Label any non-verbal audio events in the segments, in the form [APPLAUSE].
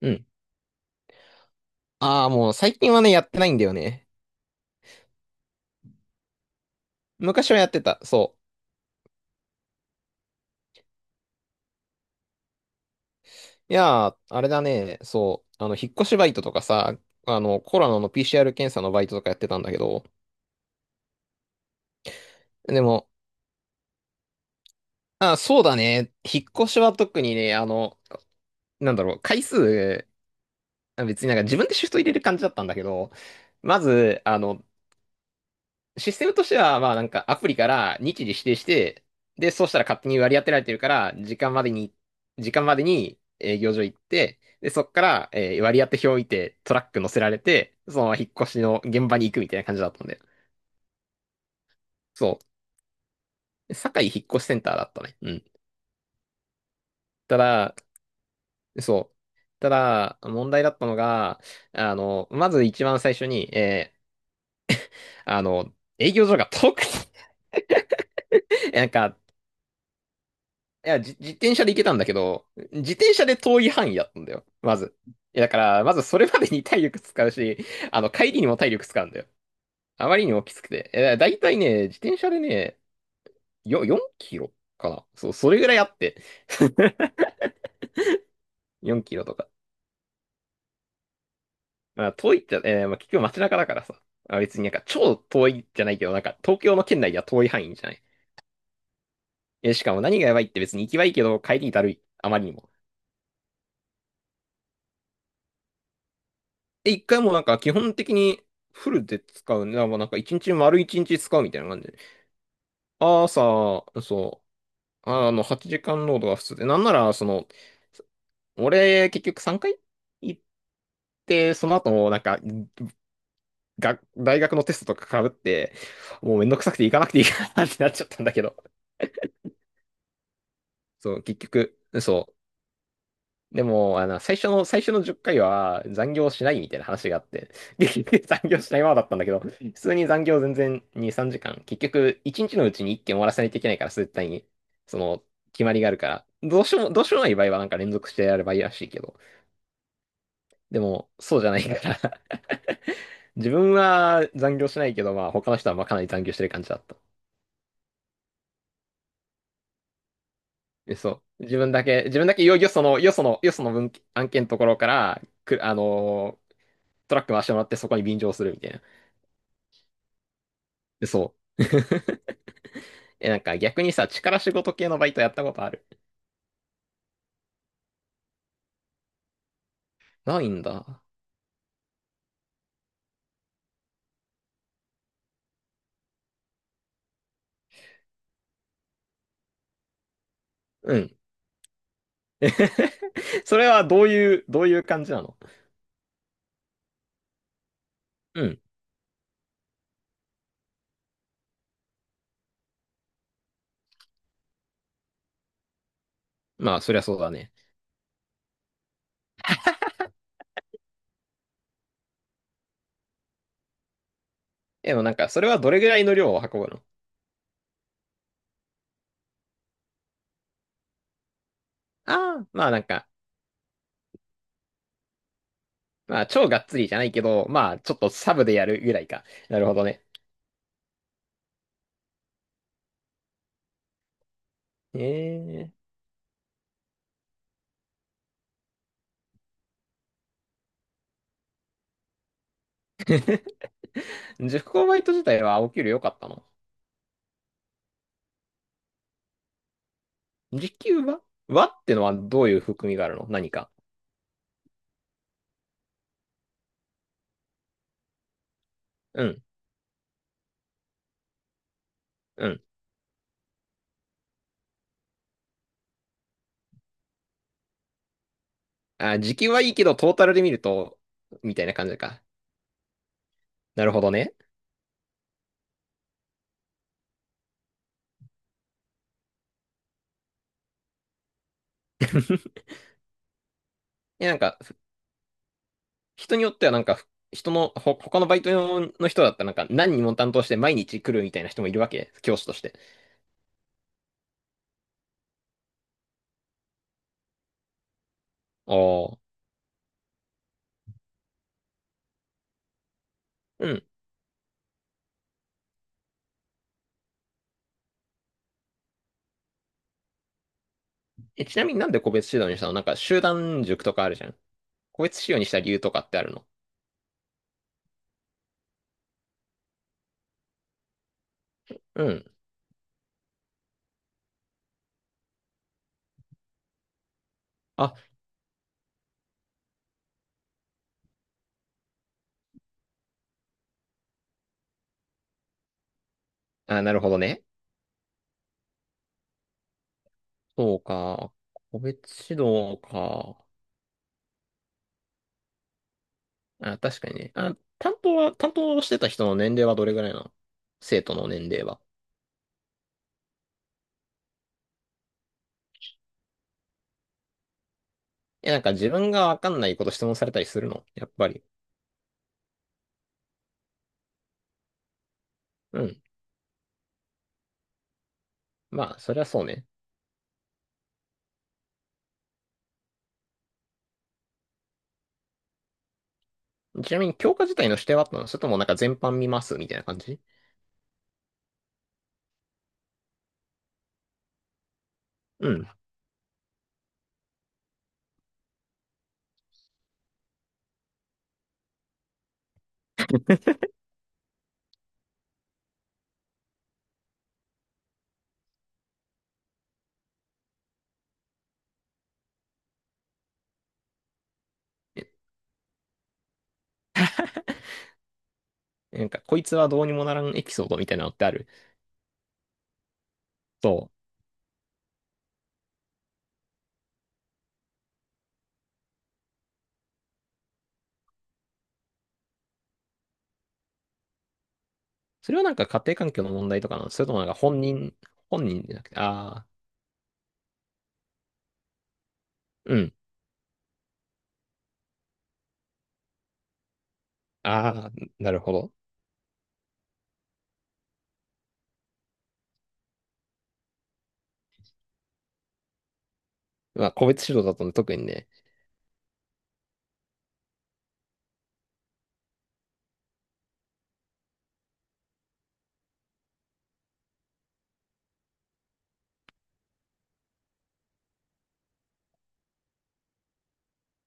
うん。ああ、もう最近はね、やってないんだよね。昔はやってた。そう。いやー、あれだね。そう。引っ越しバイトとかさ、コロナの PCR 検査のバイトとかやってたんだけど。でも、ああ、そうだね。引っ越しは特にね、なんだろう、回数、別になんか自分でシフト入れる感じだったんだけど、まず、システムとしては、まあなんかアプリから日時指定して、で、そうしたら勝手に割り当てられてるから、時間までに営業所行って、で、そっから、割り当て表置いてトラック乗せられて、そのまま引っ越しの現場に行くみたいな感じだったんで。そう。堺引っ越しセンターだったね。うん。ただ、そう。ただ、問題だったのが、まず一番最初に、あの、営業所が遠くて、[LAUGHS] なんか、いや、自転車で行けたんだけど、自転車で遠い範囲だったんだよ、まず。いや、だから、まずそれまでに体力使うし、帰りにも体力使うんだよ。あまりにもきつくて。いやだいたいね、自転車でね、4キロかな。そう、それぐらいあって。[LAUGHS] 4キロとか。まあ、遠いっちゃ、まあ、結局街中だからさ。まあ、別になんか超遠いじゃないけど、なんか東京の県内では遠い範囲じゃない。え、しかも何がやばいって別に行きはいいけど、帰りだるい。あまりにも。で、一回もなんか基本的にフルで使うね。だからなんか一日丸一日使うみたいな感じで。朝、そう、8時間労働が普通で。なんなら、俺、結局3回行って、その後もなんか、大学のテストとか被って、もうめんどくさくて行かなくていいかなってなっちゃったんだけど。そう、結局、そう。でも、最初の10回は残業しないみたいな話があって、[LAUGHS] 残業しないままだったんだけど、普通に残業全然2、3時間、結局1日のうちに1件終わらせないといけないから、絶対に、その、決まりがあるから、どうしようもない場合はなんか連続してやればいいらしいけど、でも、そうじゃないから [LAUGHS] 自分は残業しないけど、まあ他の人はまあかなり残業してる感じだった。え、そう。自分だけよ、よその文案件のところから、く、あのートラック回してもらってそこに便乗するみたいな。そう。[LAUGHS] え、なんか逆にさ、力仕事系のバイトやったことある？ないんだ。うん。[LAUGHS] それはどういう感じなの？うん。まあ、そりゃそうだね。でもなんか、それはどれぐらいの量を運ぶの？ああー、まあなんか、まあ超がっつりじゃないけど、まあちょっとサブでやるぐらいか。なるほどね。ええ。塾講バイト自体はお給料良かったの？時給は？はってのはどういう含みがあるの、何か？うん、うん。あ、時給はいいけど、トータルで見ると、みたいな感じか。なるほどね。[LAUGHS] いや、なんか、人によってはなんか、人の、ほ、他のバイトの人だったらなんか、何人も担当して毎日来るみたいな人もいるわけ、教師として。おー。うん。え、ちなみになんで個別指導にしたの？なんか、集団塾とかあるじゃん。個別指導にした理由とかってあるの？うん。あ、あ、なるほどね。そうか。個別指導か。あ、確かにね。あ、担当してた人の年齢はどれぐらいなの？生徒の年齢は？え、なんか自分がわかんないこと質問されたりするの、やっぱり？うん。まあ、そりゃそうね。ちなみに教科自体の指定はあったの？それともなんか全般見ますみたいな感じ？うん。え、なんか、こいつはどうにもならんエピソードみたいなのってある？そう。それはなんか家庭環境の問題とかなの？それともなんか本人、本人じゃなくて、ああ、うん。ああ、なるほど。まあ、個別指導だったの特にね。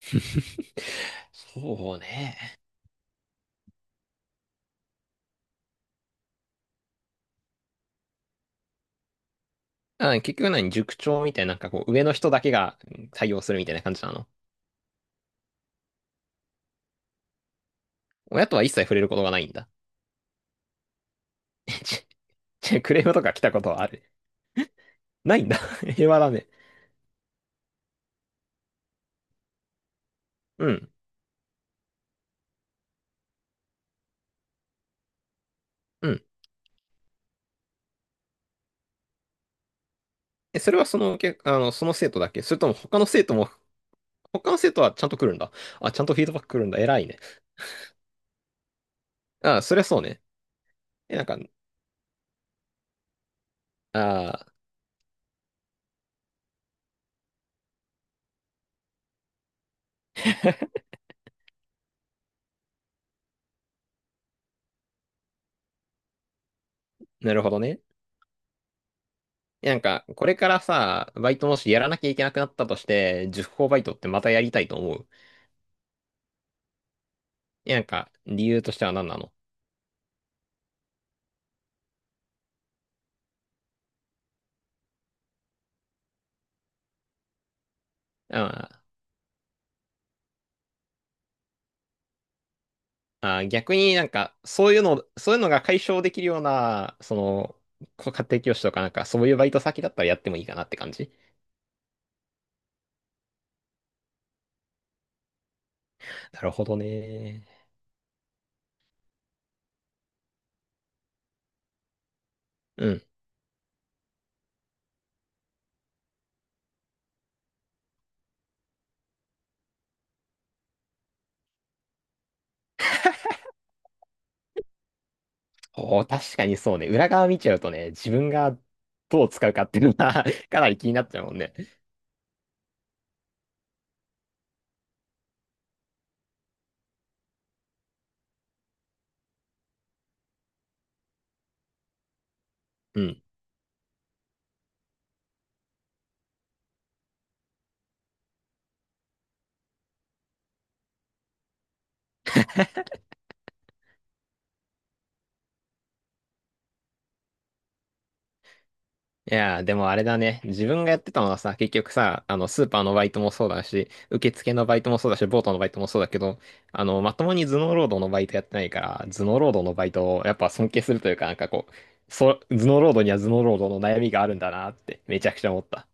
[LAUGHS] そうね。あ、結局何塾長みたいな、なんかこう、上の人だけが、うん、対応するみたいな感じなの？親とは一切触れることがないんだ。[LAUGHS] ちくれームとか来たことはある？ないんだ。[LAUGHS] 平和だね。うん。うん。え、それはその、け、あの、その生徒だけ？それとも他の生徒も、他の生徒はちゃんと来るんだ。あ、ちゃんとフィードバック来るんだ。偉いね。あ、そりゃそうね。え、なんか、あー、なるほどね。え、なんか、これからさ、バイトもしやらなきゃいけなくなったとして、塾講バイトってまたやりたいと思う？え、なんか、理由としては何なの？あー、あー、逆になんか、そういうのが解消できるような、こう家庭教師とかなんか、そういうバイト先だったらやってもいいかなって感じ。なるほどね。うん。おー、確かにそうね。裏側見ちゃうとね、自分がどう使うかっていうのは [LAUGHS] かなり気になっちゃうもんね。うん。いやー、でもあれだね。自分がやってたのはさ、結局さ、スーパーのバイトもそうだし、受付のバイトもそうだし、ボートのバイトもそうだけど、まともに頭脳労働のバイトやってないから、頭脳労働のバイトをやっぱ尊敬するというか、なんかこう、そう、頭脳労働には頭脳労働の悩みがあるんだなって、めちゃくちゃ思った。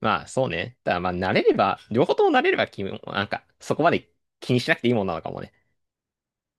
まあ、そうね。ただまあ、慣れれば、両方とも慣れれば、君も、なんか、そこまで気にしなくていいもんなのかもね。